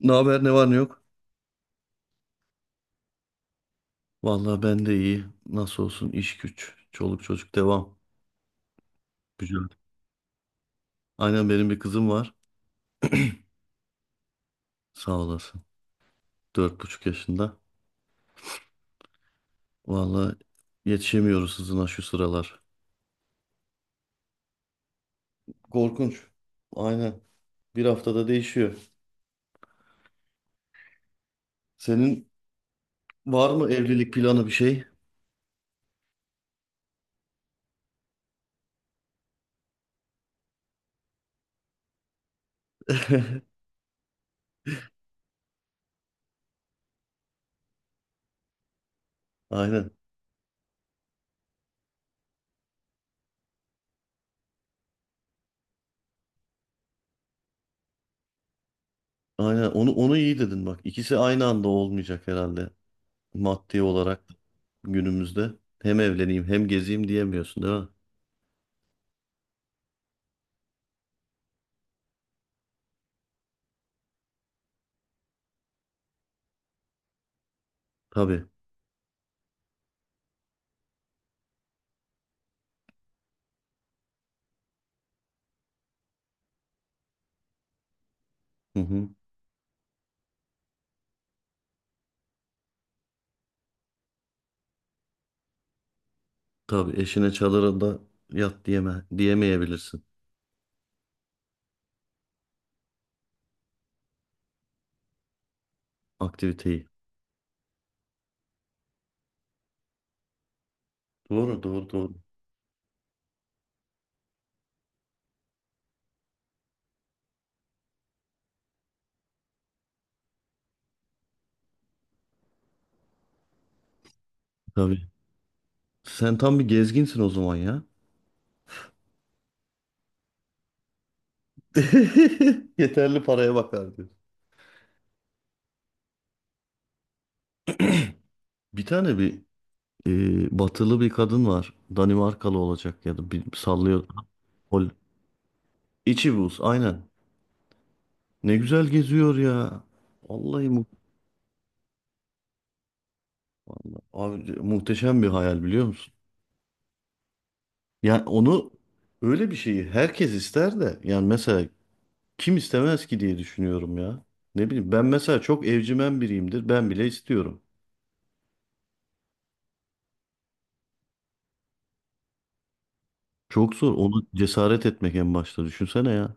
Ne haber, ne var ne yok? Vallahi ben de iyi. Nasıl olsun iş güç, çoluk çocuk devam. Güzel. Aynen, benim bir kızım var. Sağ olasın. Dört buçuk yaşında. Vallahi yetişemiyoruz hızına şu sıralar. Korkunç. Aynen. Bir haftada değişiyor. Senin var mı evlilik planı bir şey? Aynen. Aynen. Onu iyi dedin bak. İkisi aynı anda olmayacak herhalde. Maddi olarak günümüzde. Hem evleneyim hem gezeyim diyemiyorsun değil mi? Tabii. Hı hı. Tabii eşine çadırı da yat diyemeyebilirsin aktiviteyi. Doğru, doğru, doğru. Tabii. Sen tam bir gezginsin o zaman ya. Yeterli paraya bakar diyor. Bir tane batılı bir kadın var. Danimarkalı olacak ya da bir sallıyor. Hol İçi buz aynen. Ne güzel geziyor ya. Vallahi, mu Vallahi abi, muhteşem bir hayal biliyor musun? Yani onu öyle bir şeyi herkes ister de yani mesela kim istemez ki diye düşünüyorum ya. Ne bileyim, ben mesela çok evcimen biriyimdir. Ben bile istiyorum. Çok zor onu, cesaret etmek en başta, düşünsene ya.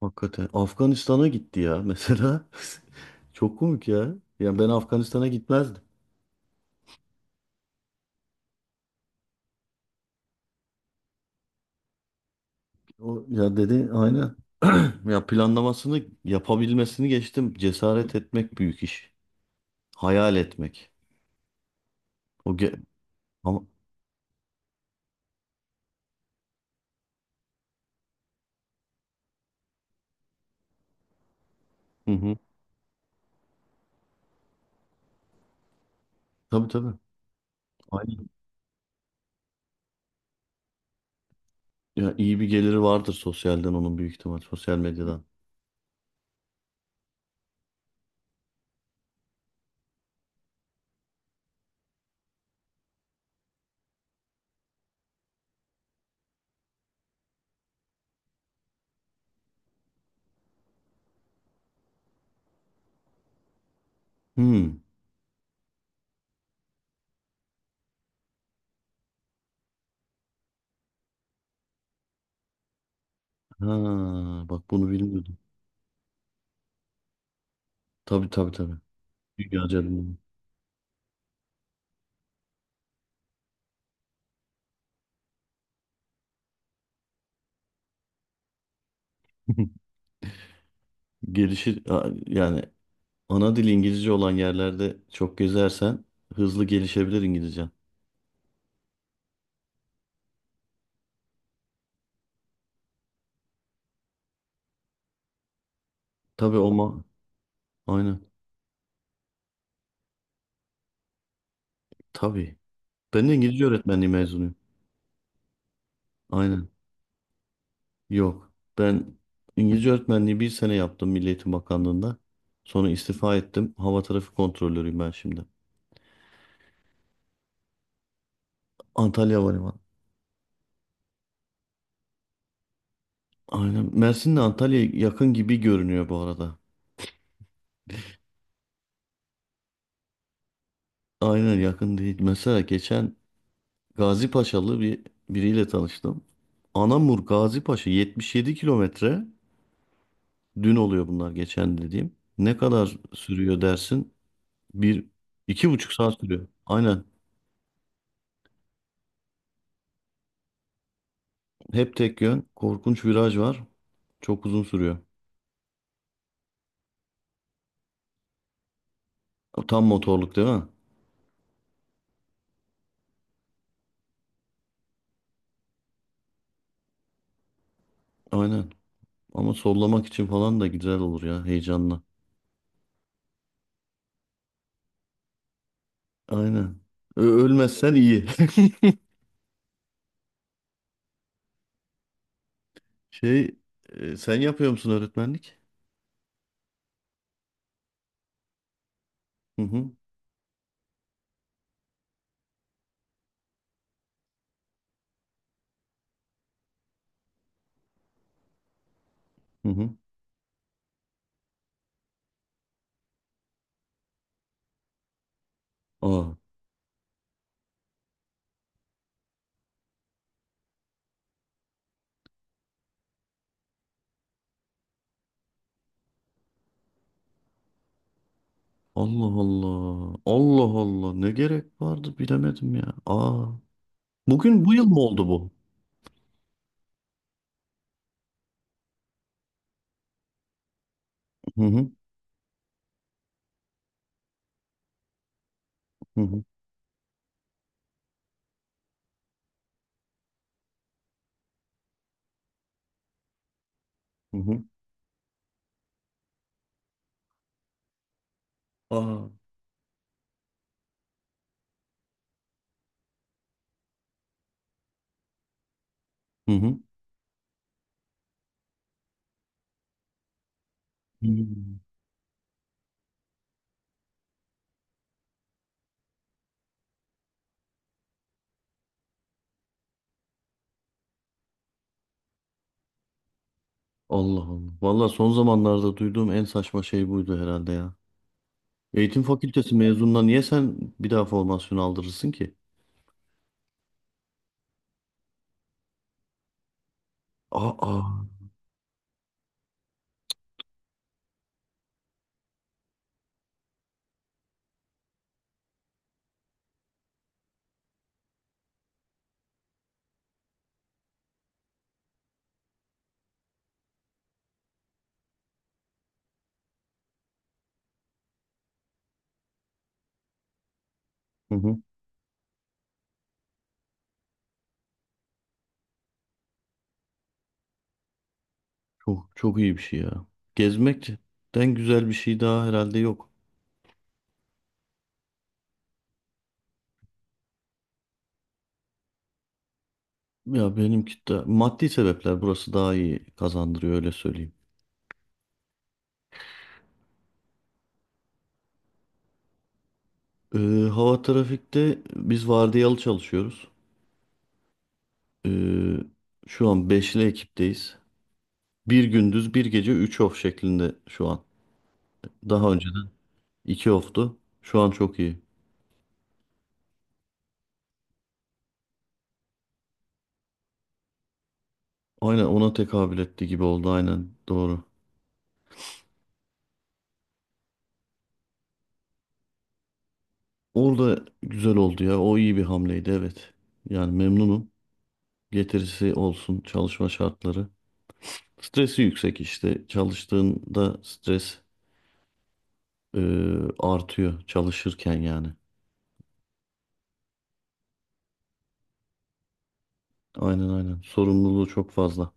Hakikaten Afganistan'a gitti ya mesela. Çok komik ya. Ya ben Afganistan'a gitmezdim. O ya, dedi, aynen. Ya planlamasını yapabilmesini geçtim. Cesaret etmek büyük iş. Hayal etmek. O ge- ama hı hı. Tabii tabii. Aynen. Ya iyi bir geliri vardır sosyalden onun, büyük ihtimal sosyal medyadan. Hmm. Ha, bak bunu bilmiyordum. Tabii tabii tabii. Dünya canım. Yani ana dil İngilizce olan yerlerde çok gezersen hızlı gelişebilir İngilizcen. Tabii o ma aynen. Tabii. Ben de İngilizce öğretmenliği mezunuyum. Aynen. Yok. Ben İngilizce öğretmenliği bir sene yaptım Milli Eğitim Bakanlığı'nda. Sonra istifa ettim. Hava trafik kontrolörüyüm ben şimdi. Antalya Havalimanı. Aynen. Mersin'le Antalya yakın gibi görünüyor bu arada. Aynen, yakın değil. Mesela geçen Gazi Paşalı biriyle tanıştım. Anamur Gazi Paşa 77 kilometre. Dün oluyor bunlar, geçen dediğim. Ne kadar sürüyor dersin? Bir, iki buçuk saat sürüyor. Aynen. Hep tek yön. Korkunç viraj var. Çok uzun sürüyor. Tam motorluk değil mi? Aynen. Ama sollamak için falan da güzel olur ya, heyecanla. Aynen. Ölmezsen iyi. Şey, sen yapıyor musun öğretmenlik? Hı hı. Hı hı. Aa. Allah Allah. Allah Allah. Ne gerek vardı bilemedim ya. Aa. Bugün, bu yıl mı oldu bu? Hı hı. Hı hı. Hı hı. Aa. Hı hı. Hmm. Allah Allah. Valla son zamanlarda duyduğum en saçma şey buydu herhalde ya. Eğitim fakültesi mezununa niye sen bir daha formasyon aldırırsın ki? Aa. Hı hı. Çok çok iyi bir şey ya. Gezmekten güzel bir şey daha herhalde yok. Ya benimki de maddi sebepler, burası daha iyi kazandırıyor, öyle söyleyeyim. Ee, hava trafikte biz vardiyalı çalışıyoruz. Ee, şu an beşli ekipteyiz. Bir gündüz bir gece 3 off şeklinde şu an. Daha önceden 2 off'tu. Şu an çok iyi. Aynen, ona tekabül etti gibi oldu, aynen doğru. Orada güzel oldu ya. O iyi bir hamleydi, evet. Yani memnunum. Getirisi olsun çalışma şartları. Stresi yüksek işte. Çalıştığında stres e, artıyor çalışırken yani. Aynen aynen. Sorumluluğu çok fazla.